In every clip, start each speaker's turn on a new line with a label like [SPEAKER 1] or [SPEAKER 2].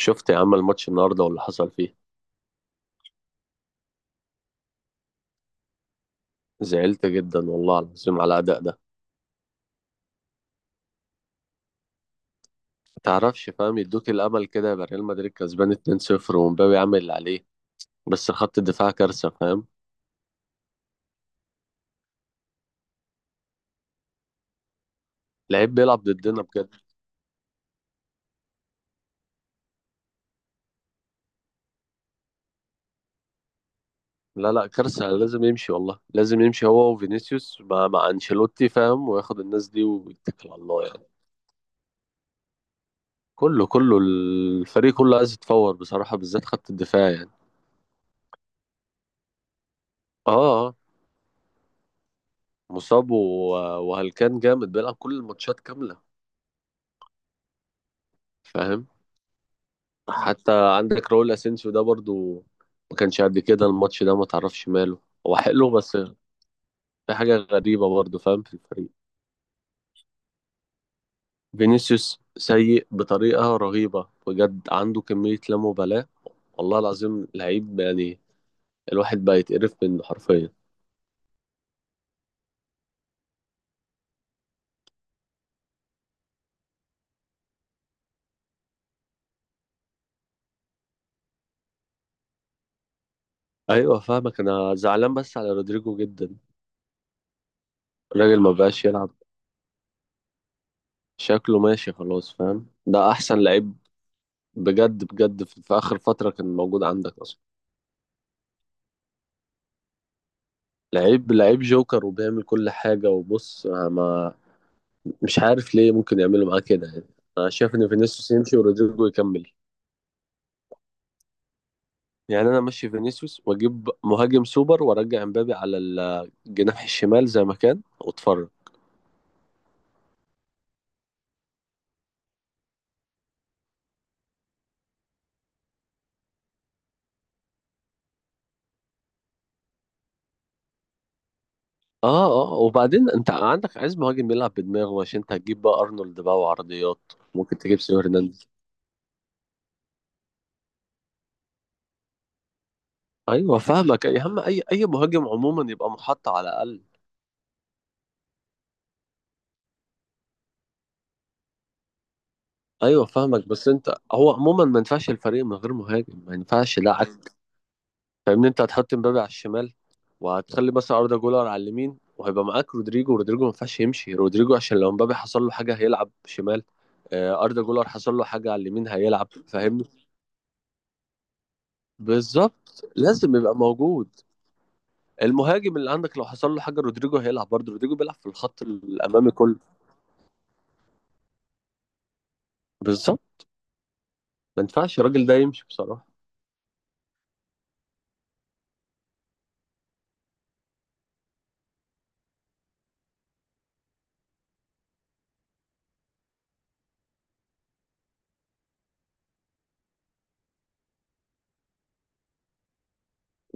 [SPEAKER 1] شفت يا عم الماتش النهارده واللي حصل فيه. زعلت جدا والله العظيم على الاداء ده. تعرفش فاهم، يدوك الامل كده، يبقى ريال مدريد كسبان 2-0 ومبابي عامل اللي عليه، بس خط الدفاع كارثه فاهم. لعيب بيلعب ضدنا بجد. لا لا، كارثه، لازم يمشي والله، لازم يمشي هو وفينيسيوس مع انشيلوتي فاهم، وياخد الناس دي ويتكل على الله يعني. كله الفريق كله عايز يتفور بصراحه، بالذات خط الدفاع يعني. اه. آه. مصاب وهلكان جامد بيلعب كل الماتشات كامله فاهم. حتى عندك راؤول اسينسيو ده برضو، ما كانش قد كده الماتش ده، ما تعرفش ماله. هو حلو، بس في حاجة غريبة برضو فاهم في الفريق. فينيسيوس سيء بطريقة رهيبة بجد، عنده كمية لا مبالاة، والله العظيم لعيب يعني، الواحد بقى يتقرف منه حرفيا. ايوه فاهمك، انا زعلان بس على رودريجو جدا. الراجل ما بقاش يلعب، شكله ماشي خلاص فاهم، ده احسن لعيب بجد بجد في اخر فترة كان موجود عندك اصلا. لعيب لعيب جوكر وبيعمل كل حاجة، وبص، أنا ما مش عارف ليه ممكن يعملوا معاه كده يعني. أنا شايف إن فينيسيوس يمشي ورودريجو يكمل. يعني أنا أمشي فينيسيوس وأجيب مهاجم سوبر وأرجع إمبابي على الجناح الشمال زي ما كان وأتفرج. آه آه، وبعدين أنت عندك، عايز مهاجم يلعب بدماغه، عشان أنت هتجيب بقى أرنولد بقى وعرضيات، ممكن تجيب سيو هرنانديز. أيوه فاهمك يا عم، أي مهاجم عموما يبقى محط على الأقل. ايوه فاهمك، بس انت هو عموما ما ينفعش الفريق من غير مهاجم، ما ينفعش لا. فاهمني، انت هتحط مبابي على الشمال، وهتخلي مثلا اردا جولر على اليمين، وهيبقى معاك رودريجو. رودريجو ما ينفعش يمشي، رودريجو عشان لو مبابي حصل له حاجه هيلعب شمال. آه، اردا جولر حصل له حاجه على اليمين هيلعب، فاهمني. بالظبط، لازم يبقى موجود المهاجم اللي عندك، لو حصل له حاجه رودريجو هيلعب، برضه رودريجو بيلعب في الخط الامامي كله. بالظبط، ما ينفعش الراجل ده يمشي بصراحه.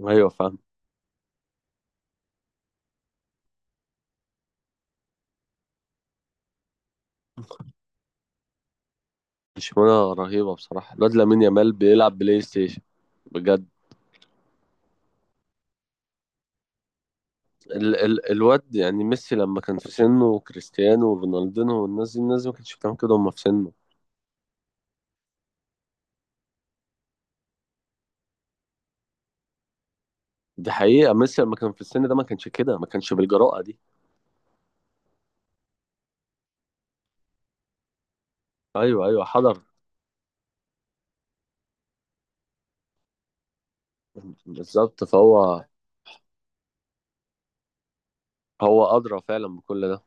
[SPEAKER 1] ايوه فاهم. برشلونه رهيبه بصراحه، الواد لامين يامال بيلعب بلاي ستيشن بجد. ال الواد يعني، ميسي لما كان في سنه وكريستيانو ورونالدينو والناس دي، الناس دي ما كانتش بتعمل كده وهم في سنه. دي حقيقة يعني، ميسي لما كان في السن ده ما كانش كده، ما كانش بالجراءة دي. ايوه ايوه، حضر بالظبط، فهو هو أدرى فعلا بكل ده.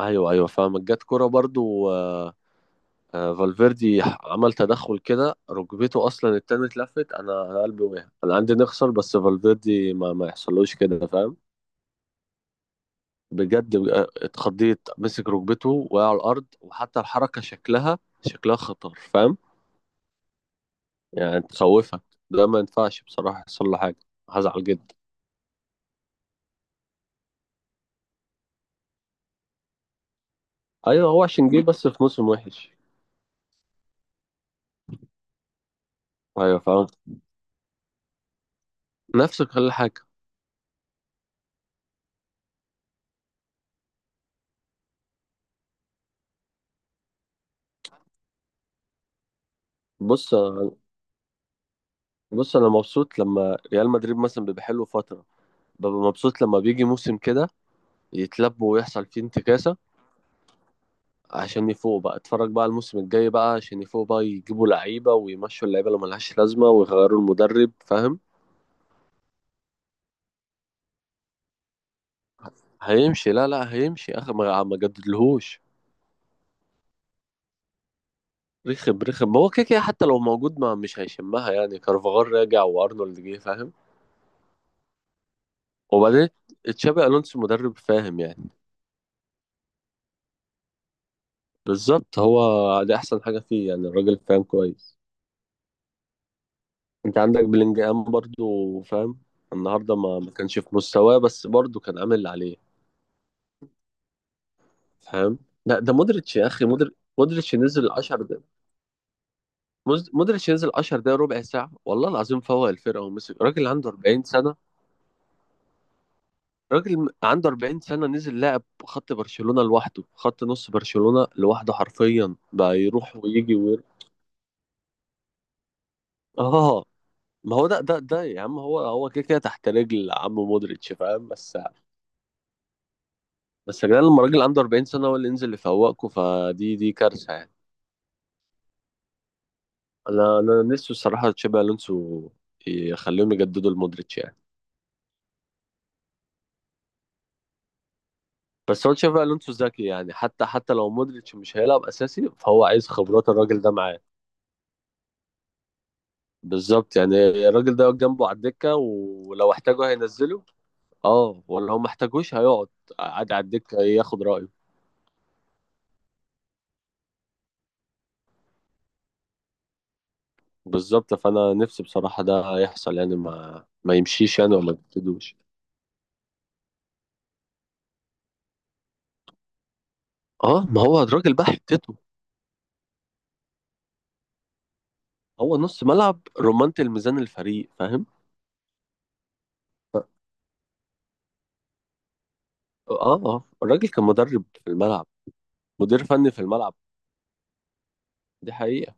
[SPEAKER 1] ايوه ايوه فاهمك. جت كورة برضو آه، آه، فالفيردي عمل تدخل كده ركبته، اصلا التاني اتلفت، أنا قلبي وقع، انا عندي نخسر بس فالفيردي ما يحصلوش كده فاهم. بجد بقى اتخضيت، مسك ركبته، وقع على الارض، وحتى الحركه شكلها خطر فاهم، يعني تخوفك. ده ما ينفعش بصراحه يحصل له حاجه، هزعل جدا. ايوه هو عشان جه بس في موسم وحش. ايوه فاهم، نفسك كل حاجه. بص بص انا مبسوط لما ريال مدريد مثلا بيبقى حلو فتره، ببقى مبسوط لما بيجي موسم كده يتلبوا ويحصل فيه انتكاسه، عشان يفوقوا بقى. اتفرج بقى الموسم الجاي بقى، عشان يفوقوا بقى يجيبوا لعيبه ويمشوا اللعيبه اللي ملهاش لازمه ويغيروا المدرب فاهم. هيمشي، لا لا هيمشي اخر، ما جددلهوش. رخم ما هو كده حتى لو موجود ما مش هيشمها يعني، كارفاغال راجع وارنولد جه فاهم. وبعدين تشابي الونسو مدرب فاهم يعني. بالظبط، هو دي احسن حاجه فيه يعني، الراجل فاهم كويس. انت عندك بلينجهام برضو فاهم، النهارده ما كانش في مستواه، بس برضو كان عامل اللي عليه فاهم. لا ده مودريتش يا اخي، مودريتش نزل 10 دقايق، مودريتش نزل 10 دقايق ربع ساعه والله العظيم، فوق الفرقه ومسك راجل عنده 40 سنه. راجل عنده 40 سنة، نزل لعب خط برشلونة لوحده، خط نص برشلونة لوحده حرفيا، بقى يروح ويجي وير... اه، ما هو ده ده يا عم، هو كده كده تحت رجل عم مودريتش فاهم. بس يا جدعان، لما راجل عنده 40 سنة هو اللي ينزل يفوقكوا، فدي دي كارثة يعني. انا نفسي الصراحة تشابي الونسو يخليهم يجددوا لمودريتش يعني. بس هو تشابي الونسو ذكي يعني، حتى لو مودريتش مش هيلعب اساسي، فهو عايز خبرات الراجل ده معاه. بالظبط يعني، الراجل ده واقف جنبه على الدكة، ولو احتاجه هينزله. اه، ولو ما احتاجوش هيقعد قاعد على الدكة ياخد رأيه. بالظبط، فأنا نفسي بصراحة ده يحصل يعني، ما يمشيش يعني، ولا ما يبتدوش. اه، ما هو الراجل بقى حتته، هو نص ملعب، رمانة الميزان الفريق فاهم. ف- اه اه الراجل كان مدرب في الملعب، مدير فني في الملعب، دي حقيقة.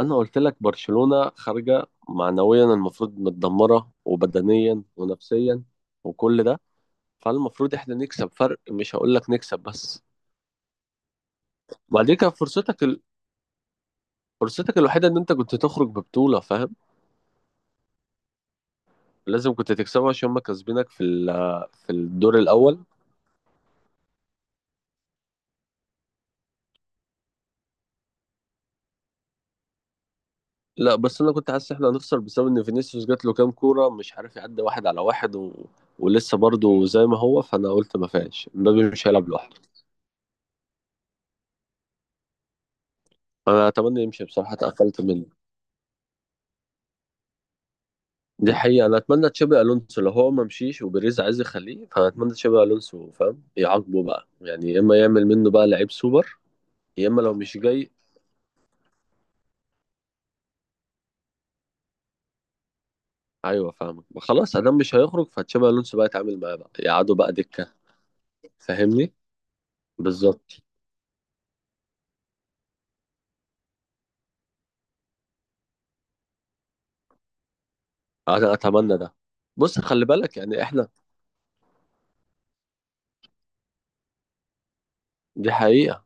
[SPEAKER 1] أنا قلت لك برشلونة خارجة معنويا، المفروض متدمرة وبدنيا ونفسيا وكل ده، فالمفروض احنا نكسب فرق، مش هقول لك نكسب بس. وبعدين كان فرصتك الوحيده ان انت كنت تخرج ببطوله فاهم، لازم كنت تكسبه عشان هم كاسبينك في الدور الاول. لا بس انا كنت حاسس احنا هنخسر، بسبب ان فينيسيوس جات له كام كوره مش عارف يعدي واحد على واحد و... ولسه برضه زي ما هو، فانا قلت ما فيهاش، مبابي مش هيلعب لوحده. انا اتمنى يمشي بصراحه، اتقفلت منه. دي حقيقه، انا اتمنى تشابي الونسو، لو هو ما مشيش وبيريز عايز يخليه، فاتمنى تشابي الونسو فاهم يعاقبه بقى يعني، يا اما يعمل منه بقى لعيب سوبر، يا اما لو مش جاي. ايوه فاهمك خلاص، ادام مش هيخرج فتشابي الونسو بقى يتعامل معاه، بقى يقعدوا بقى دكه، فاهمني. بالظبط، انا اتمنى ده. بص خلي بالك يعني، احنا دي حقيقه،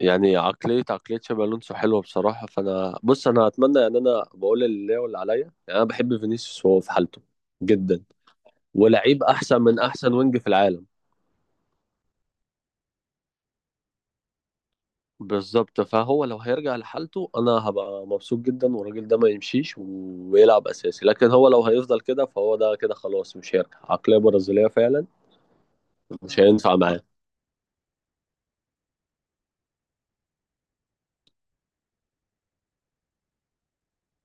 [SPEAKER 1] يعني عقليه تشابي الونسو حلوه بصراحه، فانا بص انا اتمنى يعني، انا بقول اللي ليا واللي عليا. يعني انا بحب فينيسيوس وهو في حالته جدا، ولعيب احسن من احسن وينج في العالم. بالظبط، فهو لو هيرجع لحالته انا هبقى مبسوط جدا، والراجل ده ما يمشيش ويلعب اساسي. لكن هو لو هيفضل كده فهو ده كده خلاص مش هيرجع، عقلية برازيلية فعلا، مش هينفع معاه،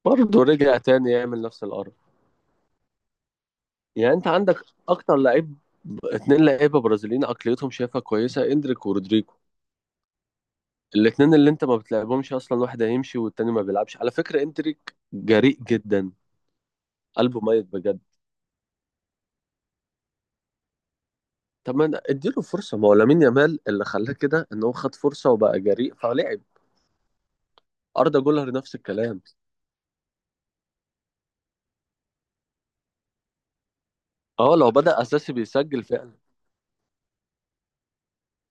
[SPEAKER 1] برضه رجع تاني يعمل نفس القرف. يعني انت عندك اكتر لعيب، اتنين لعيبة برازيليين عقليتهم شايفها كويسة، اندريك ورودريجو، الاتنين اللي انت ما بتلعبهمش اصلا، واحد هيمشي والتاني ما بيلعبش. على فكرة اندريك جريء جدا، قلبه ميت بجد. طب ما اديله فرصه، ما هو لامين يامال اللي خلاه كده ان هو خد فرصه وبقى جريء فلعب، اردا جولر نفس الكلام. اه لو بدأ اساسي بيسجل فعلا.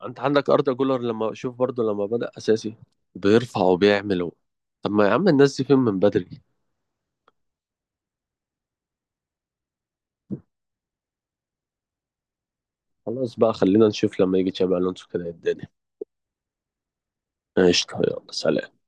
[SPEAKER 1] انت عندك اردا جولر لما شوف برضو لما بدأ اساسي بيرفع وبيعمل طب ما يا عم الناس دي فين من بدري؟ خلاص بقى، خلينا نشوف لما يجي تشابي الونسو كده الدنيا. قشطه يلا سلام.